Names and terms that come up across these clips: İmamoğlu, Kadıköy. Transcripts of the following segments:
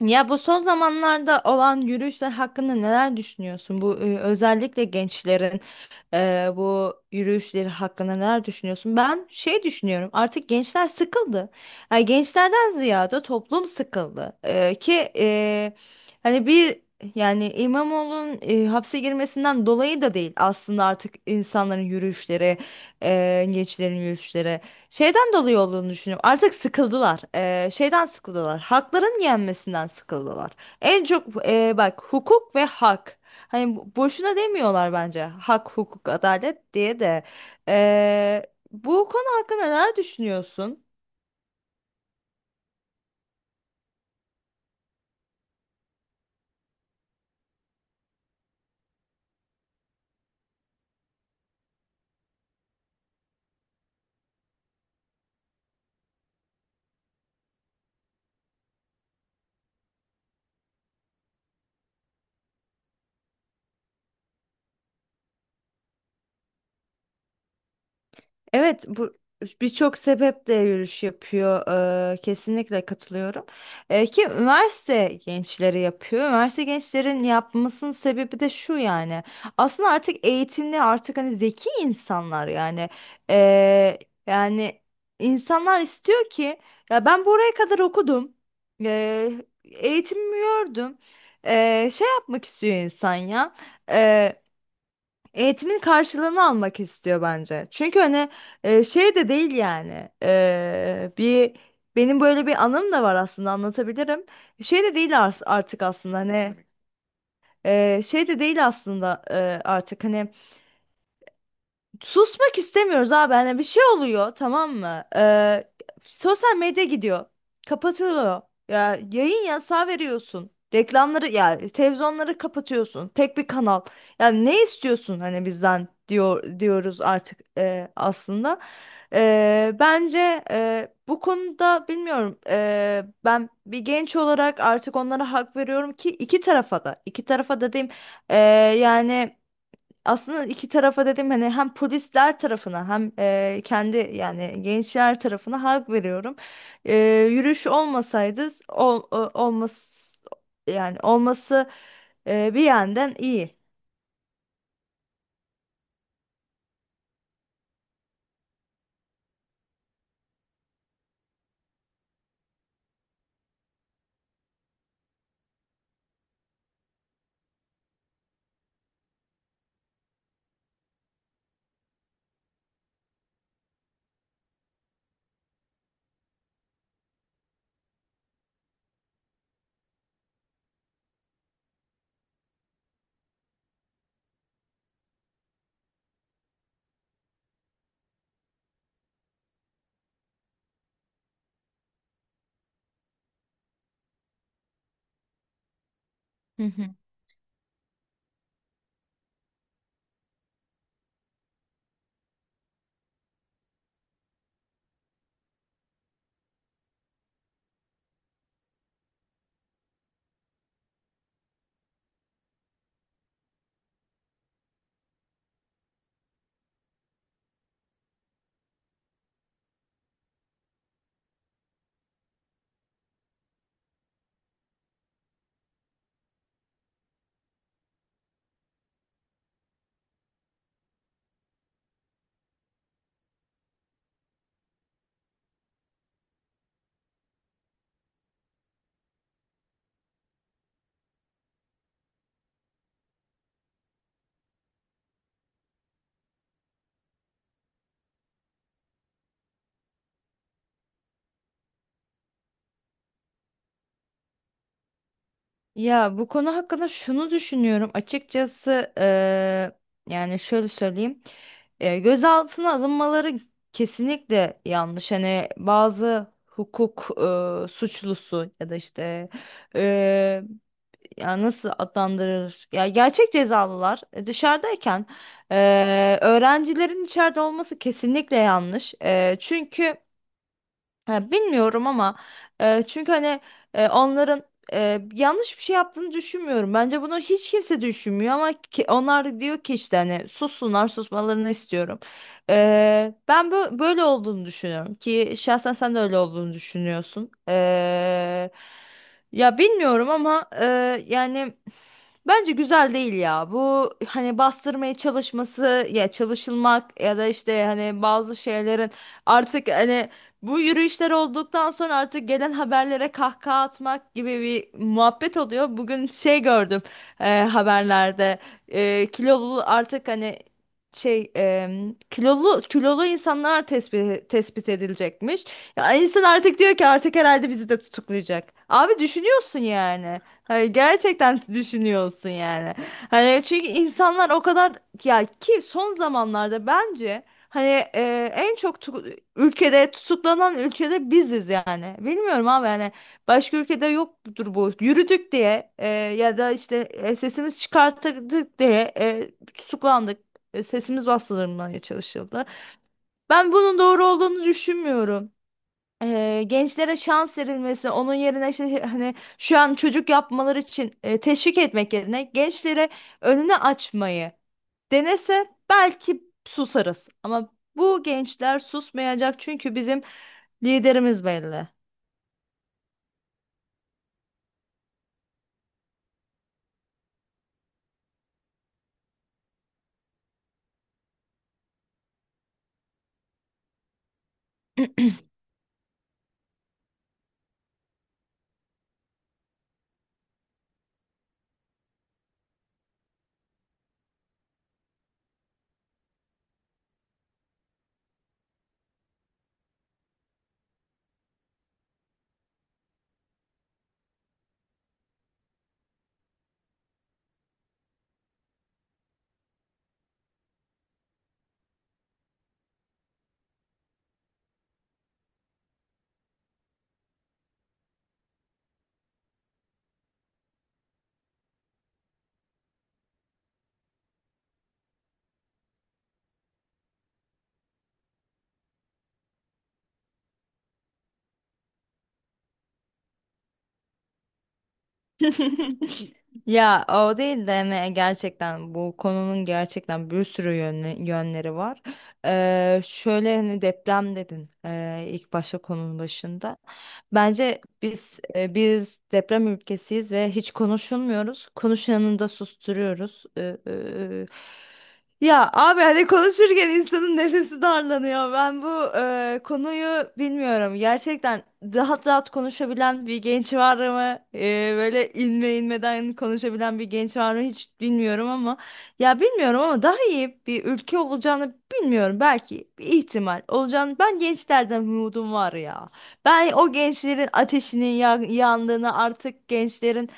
Ya bu son zamanlarda olan yürüyüşler hakkında neler düşünüyorsun? Bu özellikle gençlerin bu yürüyüşleri hakkında neler düşünüyorsun? Ben şey düşünüyorum. Artık gençler sıkıldı. Yani gençlerden ziyade toplum sıkıldı. Ki hani bir yani İmamoğlu'nun hapse girmesinden dolayı da değil aslında artık insanların yürüyüşleri, gençlerin yürüyüşleri. Şeyden dolayı olduğunu düşünüyorum. Artık sıkıldılar. Şeyden sıkıldılar. Hakların yenmesinden sıkıldılar. En çok bak hukuk ve hak. Hani boşuna demiyorlar bence hak, hukuk, adalet diye de. Ee, bu konu hakkında neler düşünüyorsun? Evet, bu birçok sebeple yürüyüş yapıyor. Kesinlikle katılıyorum. Ki üniversite gençleri yapıyor. Üniversite gençlerin yapmasının sebebi de şu yani. Aslında artık eğitimli, artık hani zeki insanlar yani. Eee, yani insanlar istiyor ki ya ben buraya kadar okudum. Eee eğitimimi gördüm. Şey yapmak istiyor insan ya. Eğitimin karşılığını almak istiyor bence. Çünkü hani şey de değil yani. Bir benim böyle bir anım da var aslında anlatabilirim. Şey de değil artık aslında hani şey de değil aslında artık hani susmak istemiyoruz abi. Hani bir şey oluyor tamam mı? Sosyal medya gidiyor. Kapatılıyor. Ya yayın yasağı veriyorsun. Reklamları ya televizyonları kapatıyorsun. Tek bir kanal. Ya ne istiyorsun hani bizden diyor diyoruz artık aslında. Bence bu konuda bilmiyorum. Ben bir genç olarak artık onlara hak veriyorum ki iki tarafa da. İki tarafa da diyeyim. Ee, yani aslında iki tarafa dedim hani hem polisler tarafına hem kendi yani gençler tarafına hak veriyorum. E, yürüyüş olmasaydı olmaz yani olması bir yandan iyi. Hı hı. Ya bu konu hakkında şunu düşünüyorum açıkçası, yani şöyle söyleyeyim. Gözaltına alınmaları kesinlikle yanlış, hani bazı hukuk suçlusu ya da işte e, ya nasıl adlandırır? Ya gerçek cezalılar dışarıdayken öğrencilerin içeride olması kesinlikle yanlış. Çünkü ya bilmiyorum ama çünkü hani onların yanlış bir şey yaptığını düşünmüyorum. Bence bunu hiç kimse düşünmüyor ama onlar diyor ki işte hani sussunlar, susmalarını istiyorum. Ben böyle olduğunu düşünüyorum ki şahsen sen de öyle olduğunu düşünüyorsun. Ya bilmiyorum ama yani bence güzel değil ya. Bu hani bastırmaya çalışması ya çalışılmak ya da işte hani bazı şeylerin artık hani bu yürüyüşler olduktan sonra artık gelen haberlere kahkaha atmak gibi bir muhabbet oluyor. Bugün şey gördüm haberlerde kilolu artık hani şey kilolu kilolu insanlar tespit edilecekmiş. Ya insan artık diyor ki artık herhalde bizi de tutuklayacak. Abi düşünüyorsun yani. Hani gerçekten düşünüyorsun yani. Hani çünkü insanlar o kadar ya ki son zamanlarda bence hani en çok ülkede tutuklanan ülkede biziz yani. Bilmiyorum abi yani, başka ülkede yoktur bu. Yürüdük diye ya da işte sesimiz çıkarttık diye tutuklandık. Sesimiz bastırılmaya çalışıldı. Ben bunun doğru olduğunu düşünmüyorum. Gençlere şans verilmesi, onun yerine işte hani şu an çocuk yapmaları için teşvik etmek yerine gençlere önünü açmayı denese belki susarız. Ama bu gençler susmayacak çünkü bizim liderimiz belli. Ya o değil de hani gerçekten bu konunun gerçekten bir sürü yönleri var. Şöyle hani deprem dedin ilk başta konunun başında. Bence biz biz deprem ülkesiyiz ve hiç konuşulmuyoruz. Konuşanını da susturuyoruz. Ya abi hani konuşurken insanın nefesi darlanıyor. Ben bu konuyu bilmiyorum. Gerçekten rahat rahat konuşabilen bir genç var mı? Böyle inme inmeden konuşabilen bir genç var mı? Hiç bilmiyorum ama ya bilmiyorum ama daha iyi bir ülke olacağını bilmiyorum. Belki bir ihtimal olacağını. Ben gençlerden umudum var ya. Ben o gençlerin ateşinin yandığını, artık gençlerin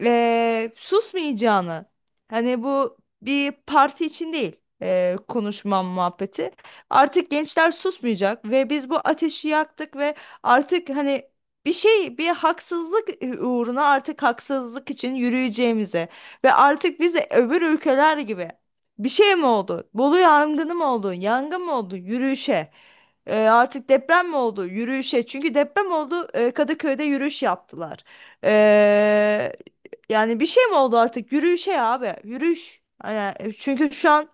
susmayacağını. Hani bu bir parti için değil konuşmam muhabbeti. Artık gençler susmayacak ve biz bu ateşi yaktık ve artık hani bir şey, bir haksızlık uğruna, artık haksızlık için yürüyeceğimize ve artık biz de öbür ülkeler gibi bir şey mi oldu? Bolu yangını mı oldu? Yangın mı oldu? Yürüyüşe. Artık deprem mi oldu? Yürüyüşe. Çünkü deprem oldu. Kadıköy'de yürüyüş yaptılar. E, yani bir şey mi oldu artık? Yürüyüşe ya abi. Yürüyüş. Yani çünkü şu an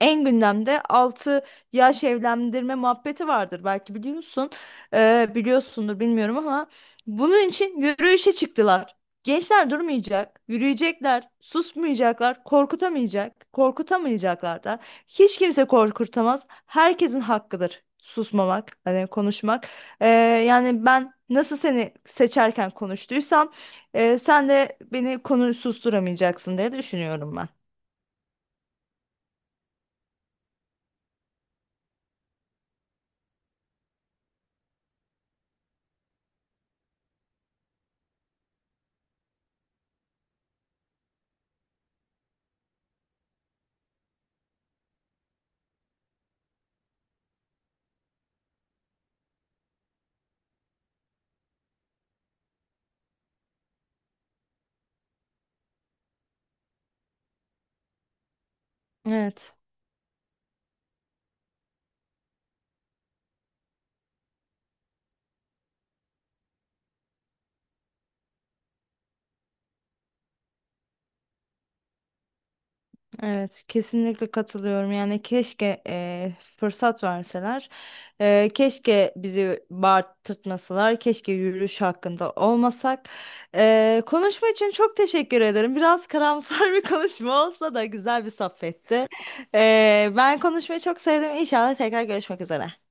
en gündemde 6 yaş evlendirme muhabbeti vardır, belki biliyorsun. Biliyorsundur bilmiyorum ama bunun için yürüyüşe çıktılar. Gençler durmayacak, yürüyecekler, susmayacaklar, korkutamayacak, korkutamayacaklar da. Hiç kimse korkutamaz. Herkesin hakkıdır susmamak, hani konuşmak. Ee, yani ben nasıl seni seçerken konuştuysam, sen de beni konu susturamayacaksın diye düşünüyorum ben. Evet. Evet, kesinlikle katılıyorum. Yani keşke fırsat verseler, keşke bizi bağırtmasalar, keşke yürüyüş hakkında olmasak. Konuşma için çok teşekkür ederim. Biraz karamsar bir konuşma olsa da güzel bir sohbetti. Ben konuşmayı çok sevdim. İnşallah tekrar görüşmek üzere.